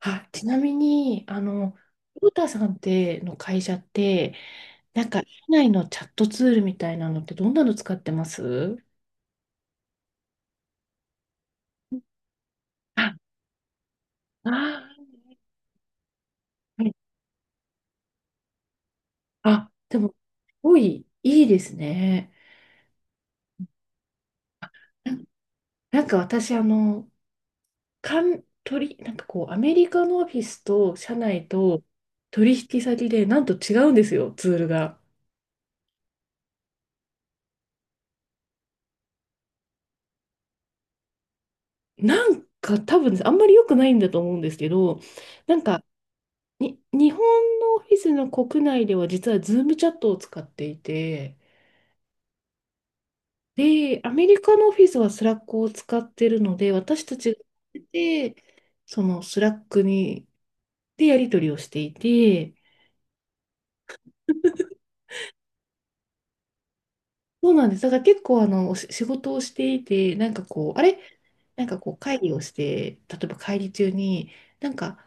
あ、ちなみに、ローターさんっての会社って、社内のチャットツールみたいなのってどんなの使ってます？あ、あー、はい。あ、でも、すごいいいですね。なんなんか私、かん、取り、アメリカのオフィスと社内と取引先で、なんと違うんですよ、ツールが。多分、あんまり良くないんだと思うんですけど、なんか、日本のオフィスの国内では実はズームチャットを使っていて、で、アメリカのオフィスはスラックを使ってるので、私たちがで、そのスラックに、でやり取りをしていて、そうなんです。だから結構お仕事をしていて、あれ、会議をして、例えば会議中に、なんか、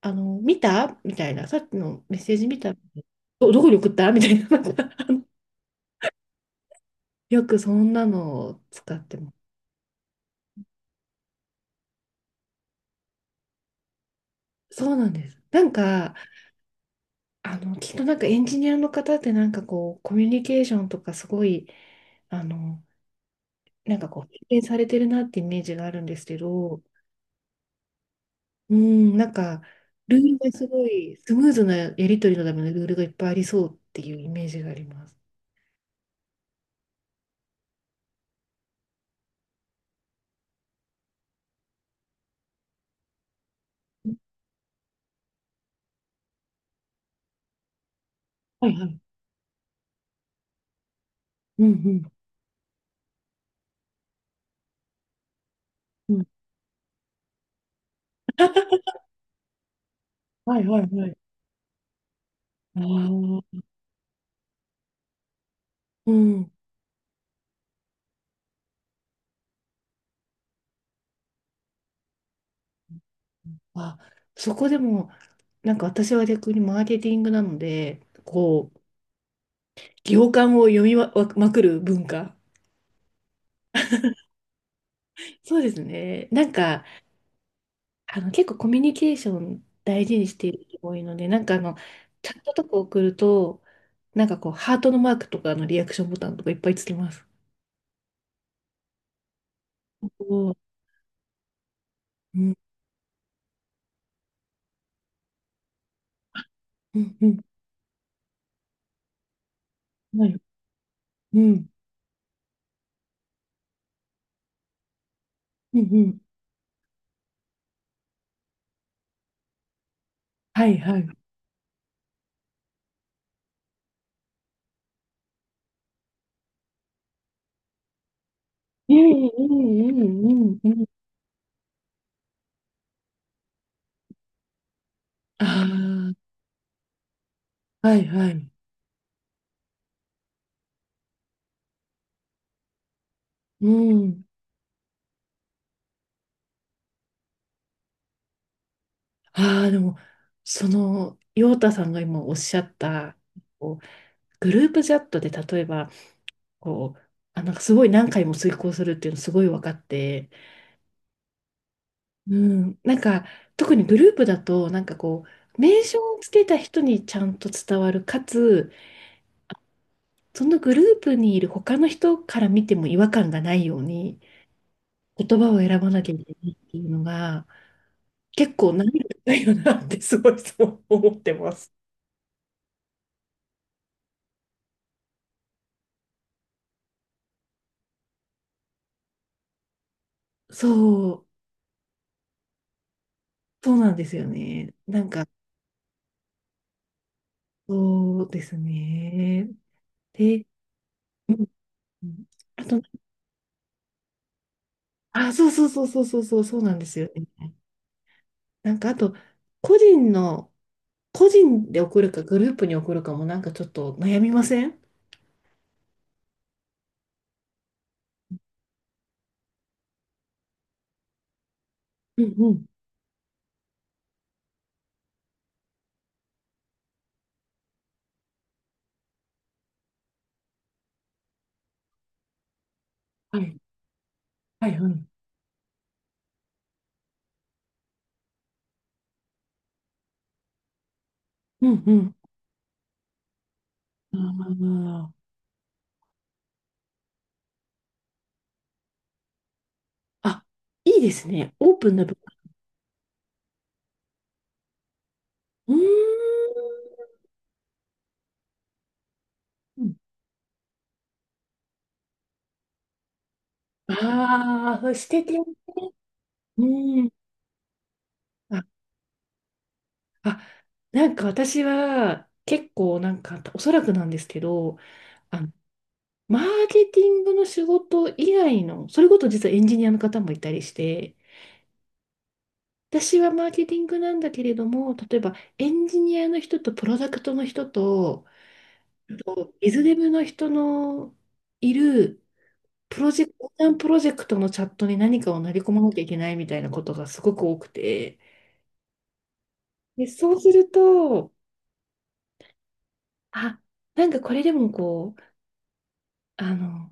見たみたいな、さっきのメッセージ見た、どこに送ったみたいな、なんかあ よくそんなのを使ってます。そうなんです。きっとなんかエンジニアの方ってなんかこう、コミュニケーションとかすごい、あの、経験されてるなってイメージがあるんですけど、うん、なんか、ルールがすごい、スムーズなやり取りのためのルールがいっぱいありそうっていうイメージがあります。はいはい。うんうん。うん。はいはいはい。ああ。うん。あ、そこでも、私は逆にマーケティングなので、こう、行間を読みま、まくる文化。そうですね。結構コミュニケーション大事にしている人が多いので、チャットとか送ると、ハートのマークとかのリアクションボタンとかいっぱいつけます。おー。うん、うん、うん、はい、うん、うん、うん、はい、はい。うん、うん、うん、うん、うん。ああ、はい、はい。うん。ああ、でも、その、陽太さんが今おっしゃった、こうグループチャットで例えば、こう、あ、なんかすごい何回も遂行するっていうのすごい分かって、うん、なんか特にグループだと、名称をつけた人にちゃんと伝わる、かつ、そのグループにいる他の人から見ても違和感がないように、言葉を選ばなきゃいけないっていうのが、結構難易度高いよなってすごいそう思ってます。そう、そうなんですよね。そうですね。で、うん、あと、あ、そうそうそうそうそうそうそうなんですよね。なんかあと、個人の、個人で送るかグループに送るかもなんかちょっと悩みません？うんうん。はい。はい、はい。うんうん。あー。あ、いいですね。オープンな部分。うーん。ああ、素敵。うん。あ、あ、私は結構おそらくなんですけど、あマーケティングの仕事以外の、それこそ実はエンジニアの方もいたりして、私はマーケティングなんだけれども、例えばエンジニアの人とプロダクトの人と、あとビズデブの人のいるプロジェクト、横断プロジェクトのチャットに何かを投げ込まなきゃいけないみたいなことがすごく多くて、で、そうすると、あ、なんかこれでもこう、あの、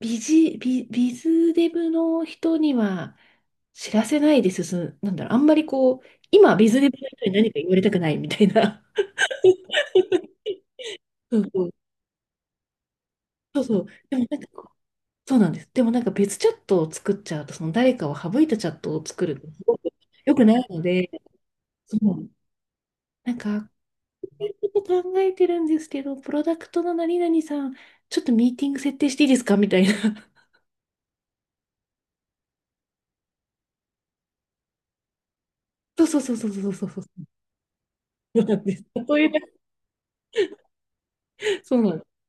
ビジ、ビ、ビズデブの人には、知らせないで進む、なんだろう、あんまりこう、今、ビズデブの人に何か言われたくないみたいな。そうそう、そうそう。でもなんかこう、そうなんです。でもなんか別チャットを作っちゃうと、その誰かを省いたチャットを作るってすごく良くないので、そう、なんか、ちょっと考えてるんですけど、プロダクトの何々さん、ちょっとミーティング設定していいですかみたいな。そうそうそうそうそうそうそう。そうなんです。そういう、そうなんです。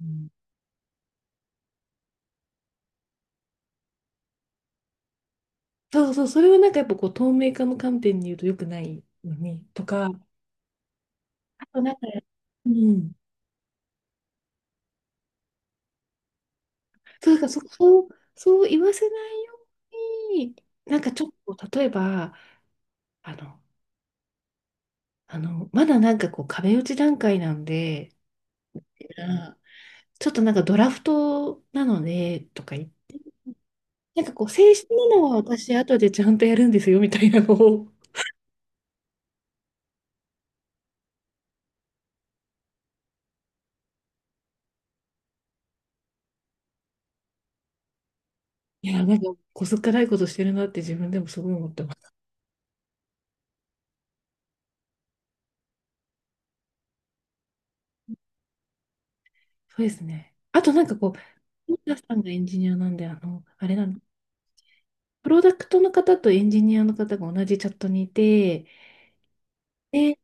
うん。そう、それはなんかやっぱこう透明化の観点に言うと良くないのにとか、あとなんか、うん。そうだ、そう、そう言わせないように、なんかちょっと、例えば、あの、あの、まだなんかこう壁打ち段階なんで、うん、ちょっとなんかドラフトなので、とか言って、正式なのは私後でちゃんとやるんですよ、みたいなのを、こすっかないことしてるなって自分でもすごい思ってます。そうですね。あとなんかこう、森田さんがエンジニアなんで、あの、あれなの、プロダクトの方とエンジニアの方が同じチャットにいて、で、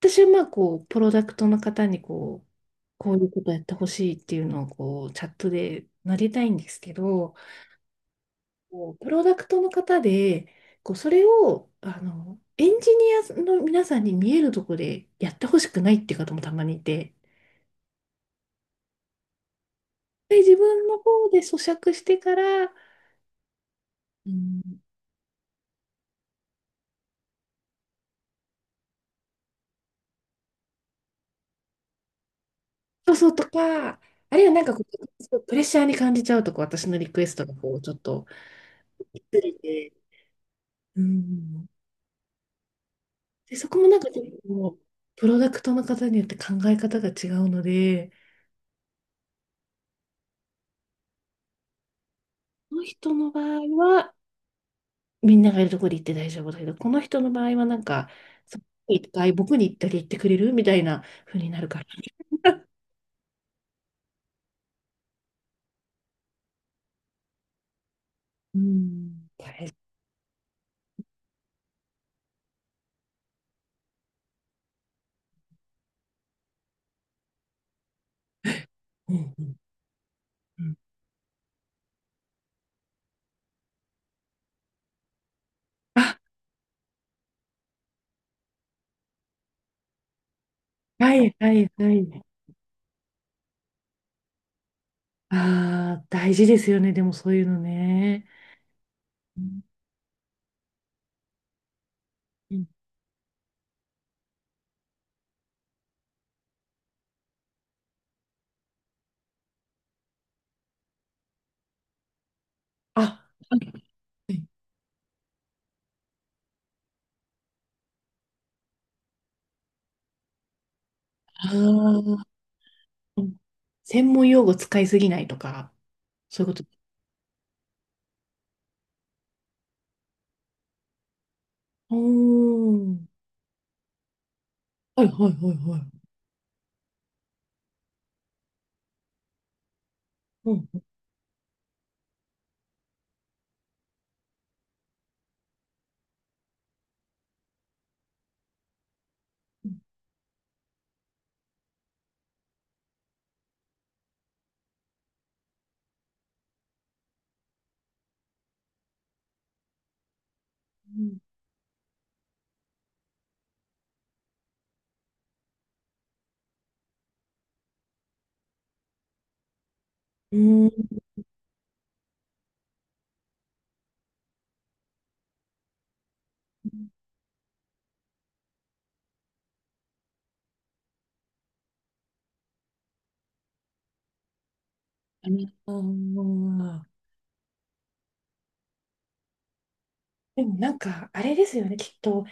私はまあこう、プロダクトの方にこう、こういうことやってほしいっていうのをこう、チャットで投げたいんですけど、こうプロダクトの方で、こう、それを、あの、エンジニアの皆さんに見えるところでやってほしくないっていう方もたまにいて、で自分の方で咀嚼してから、うん。そうそうとか、あるいは、プレッシャーに感じちゃうとこう、私のリクエストがこう、ちょっと、ずれて、うん、で、そこもなんか結構、プロダクトの方によって考え方が違うので、この人の場合は、みんながいるところに行って大丈夫だけど、この人の場合はなんか、そっちに行ったり僕に行ったり行ってくれるみたいな風になるから。うん。大変。うんうんうん。あ、はいはいはい。ああ、大事ですよね。でもそういうのね。うんうん。あ、あー。うん。専門用語使いすぎないとか、そういうこと。おー。はいはいはいはい。うん。うん。うーん。あー。でもなんか、あれですよね、きっと、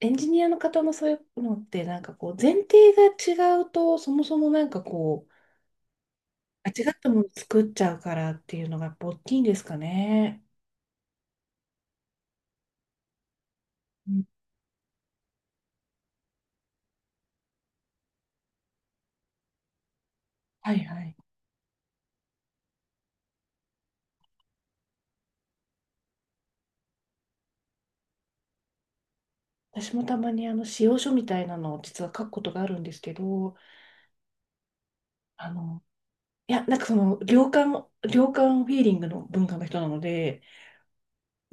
エンジニアの方のそういうのって、前提が違うと、そもそも、間違ったもの作っちゃうからっていうのが、大きいんですかね。うん。はいはい。私もたまにあの、仕様書みたいなのを実は書くことがあるんですけど、あの、いや、なんかその、良寛、良寛フィーリングの文化の人なので、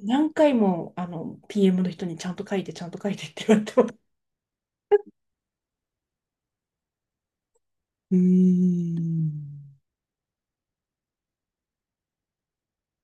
何回も、あの、PM の人にちゃんと書いて、ちゃんと書いてって言われてます。うーん。